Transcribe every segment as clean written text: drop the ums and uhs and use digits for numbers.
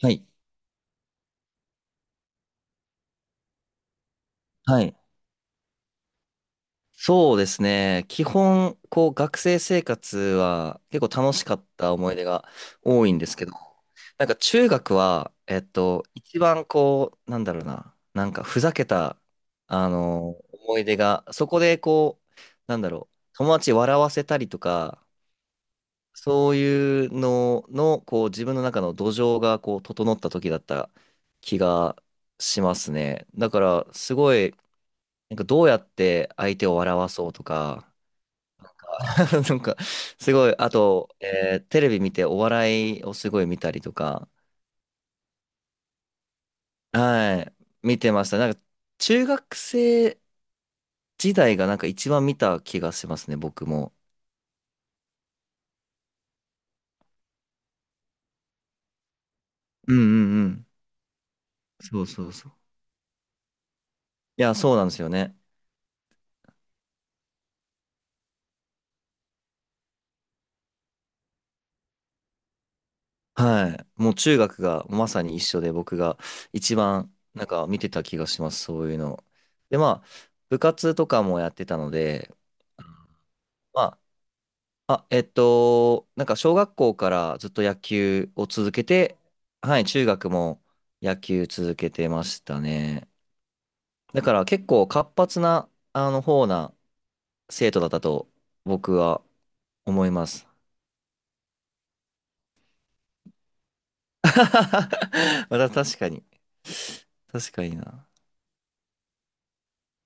はい。はい。そうですね。基本、学生生活は結構楽しかった思い出が多いんですけど、なんか中学は、一番なんかふざけた、思い出が、そこで友達笑わせたりとか、そういうのの、自分の中の土壌が整った時だった気がしますね。だから、すごい、なんかどうやって相手を笑わそうとか、なんかすごい、あと、テレビ見てお笑いをすごい見たりとか、はい、見てました。なんか中学生時代がなんか一番見た気がしますね、僕も。うんうんうん。そうそうそう。いや、そうなんですよね。はい。もう中学がまさに一緒で僕が一番なんか見てた気がします、そういうの。で、まあ、部活とかもやってたので、まあ、あ、なんか小学校からずっと野球を続けて、はい、中学も野球続けてましたね。だから結構活発な、あの方な生徒だったと僕は思います。また確かに。確かにな。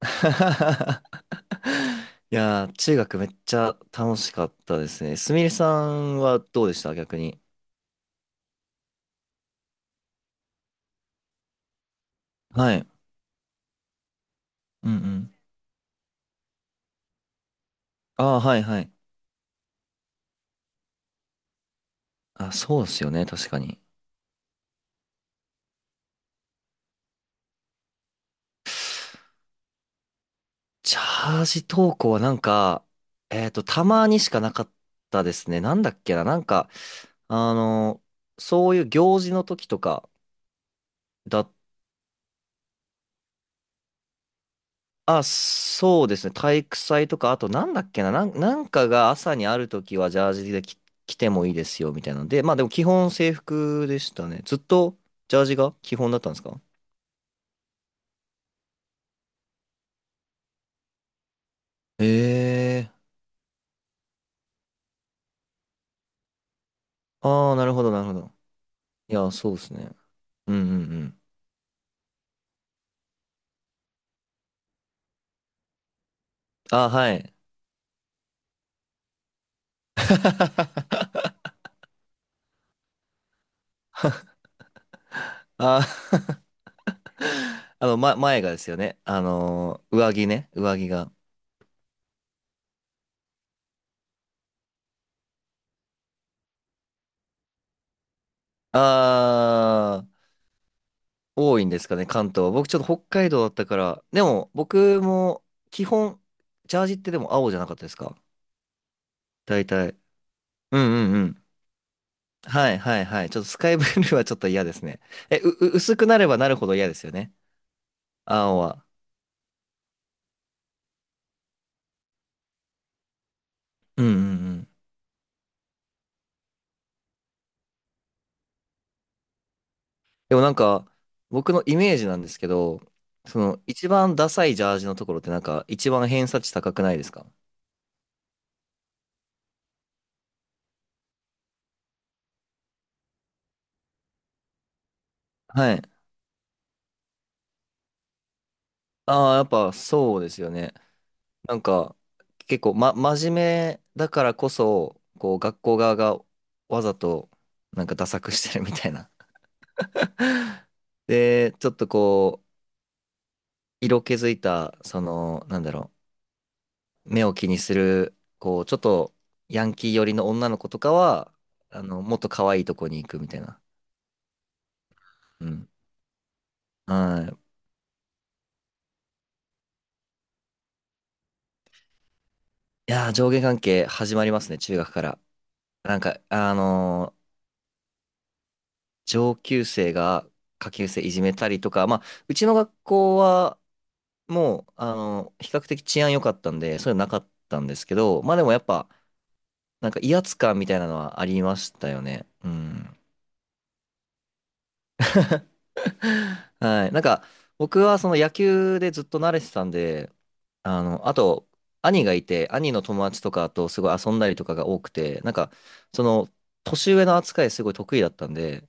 いやー、中学めっちゃ楽しかったですね。すみれさんはどうでした逆に？はい。うんうん。ああ、はいはい。あ、そうですよね。確かに。チャージ投稿はなんか、たまにしかなかったですね。なんだっけな、なんか、あの、そういう行事の時とかだ、あ、そうですね、体育祭とか、あとなんだっけな、なんかが朝にある時はジャージで着てもいいですよ、みたいなので、まあでも基本制服でしたね。ずっとジャージが基本だったんですか？ええー、ああ、なるほど、なるほど。いや、そうですね。うんうんうん。あ、はい。あー前がですよね。上着ね。上着が。あー、多いんですかね、関東は。僕ちょっと北海道だったから。でも、僕も基本、ジャージってでも青じゃなかったですか大体？うんうんうん。はいはいはい。ちょっとスカイブルーはちょっと嫌ですね。え、う、う薄くなればなるほど嫌ですよね。青は。うんうんうん。でもなんか、僕のイメージなんですけど、一番ダサいジャージのところってなんか、一番偏差値高くないですか？はい。ああ、やっぱそうですよね。なんか、結構、真面目だからこそ、学校側がわざと、なんか、ダサくしてるみたいな。で、ちょっと色気づいた、目を気にする、ちょっと、ヤンキー寄りの女の子とかは、もっと可愛いとこに行くみたいな。うん。はい。いやー、上下関係始まりますね、中学から。なんか、上級生が下級生いじめたりとか、まあ、うちの学校はもう、比較的治安良かったんで、そういうなかったんですけど、まあでもやっぱ、なんか威圧感みたいなのはありましたよね。うん。はい。なんか、僕はその野球でずっと慣れてたんで、あと、兄がいて、兄の友達とかとすごい遊んだりとかが多くて、なんか、その、年上の扱いすごい得意だったんで、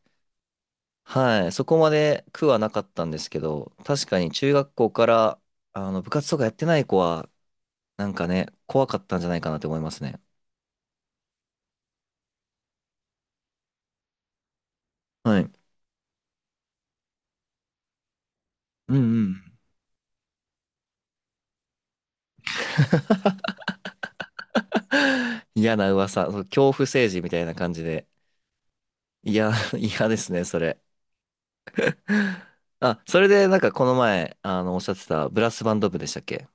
はい、そこまで苦はなかったんですけど、確かに中学校から部活とかやってない子は、なんかね、怖かったんじゃないかなって思いますね。はい。うんうん。嫌な噂、そう恐怖政治みたいな感じで。いや、嫌ですね、それ。あ、それでなんかこの前、おっしゃってたブラスバンド部でしたっけ？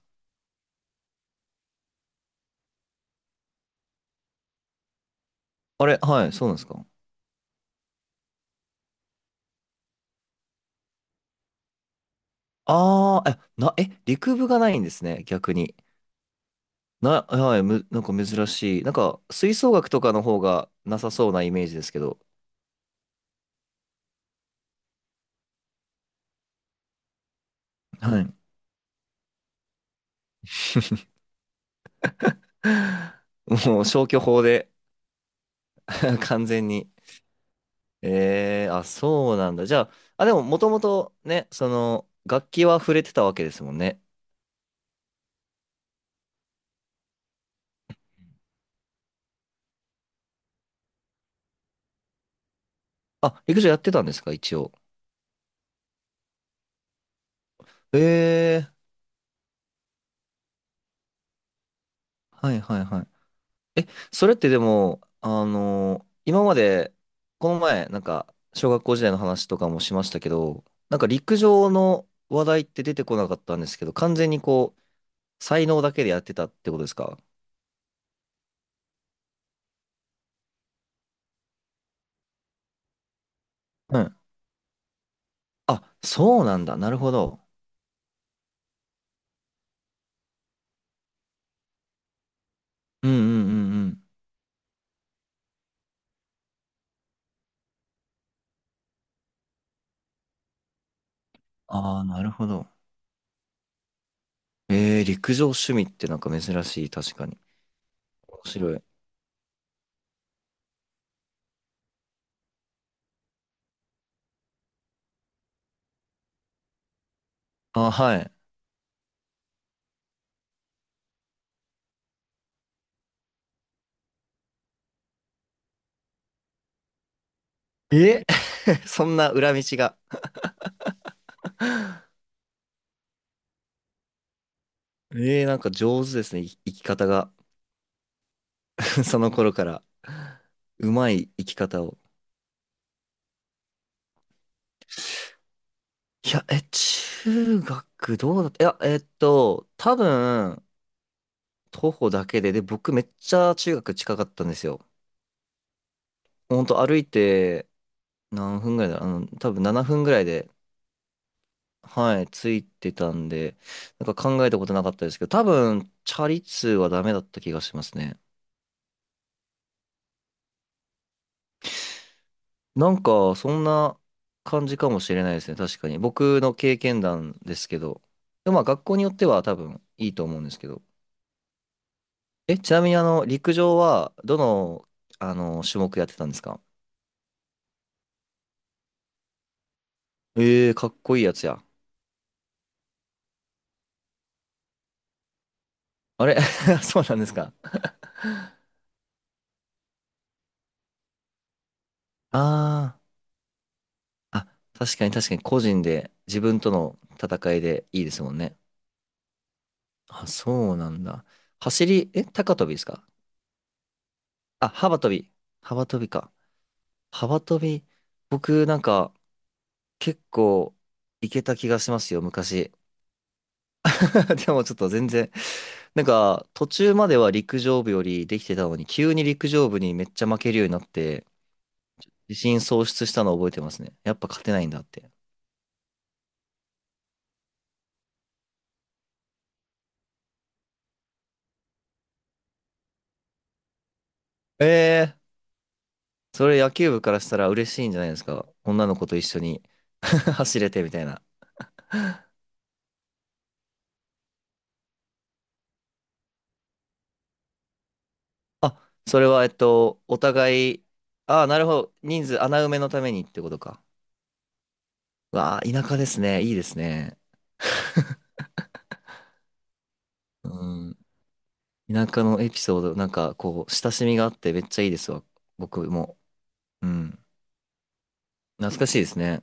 あれ、はい、そうなんですか。ああ、え、陸部がないんですね、逆に。はい、なんか珍しい。なんか、吹奏楽とかの方がなさそうなイメージですけど。はい もう消去法で 完全に。あ、そうなんだ。じゃあ、あ、でももともとね、楽器は触れてたわけですもんね。あ、陸上やってたんですか、一応？えー、はいはいはい。え、それってでも、今まで、この前、なんか、小学校時代の話とかもしましたけど、なんか陸上の話題って出てこなかったんですけど、完全に才能だけでやってたってことですか？うん。あ、そうなんだ。なるほど。うんうんうんうん。ああ、なるほど。陸上趣味ってなんか珍しい、確かに。面白い。ああ、はい。え そんな裏道が。なんか上手ですね、生き方が。その頃から。うまい生き方を。いや、中学どうだった？いや、多分、徒歩だけで、で、僕めっちゃ中学近かったんですよ。ほんと歩いて何分ぐらいだ、多分7分ぐらいではい、ついてたんで、なんか考えたことなかったですけど、多分、チャリ通はダメだった気がしますね。なんか、そんな感じかもしれないですね、確かに。僕の経験談ですけど。でもまあ、学校によっては多分いいと思うんですけど。え、ちなみに陸上は、どの、種目やってたんですか？かっこいいやつや。あれ そうなんですか。あー、確かに確かに個人で、自分との戦いでいいですもんね。あ、そうなんだ。走り、え、高跳びですか？あ、幅跳び。幅跳びか。幅跳び。僕、なんか、結構、いけた気がしますよ、昔。でも、ちょっと全然、なんか、途中までは陸上部よりできてたのに、急に陸上部にめっちゃ負けるようになって、自信喪失したのを覚えてますね。やっぱ勝てないんだって。えそれ野球部からしたら嬉しいんじゃないですか？女の子と一緒に 走れてみたいな。あ、それは、お互い、ああ、なるほど。人数、穴埋めのためにってことか。わあ、田舎ですね。いいですね。うん。田舎のエピソード、なんか、親しみがあってめっちゃいいですわ。僕も。うん。懐かしいですね。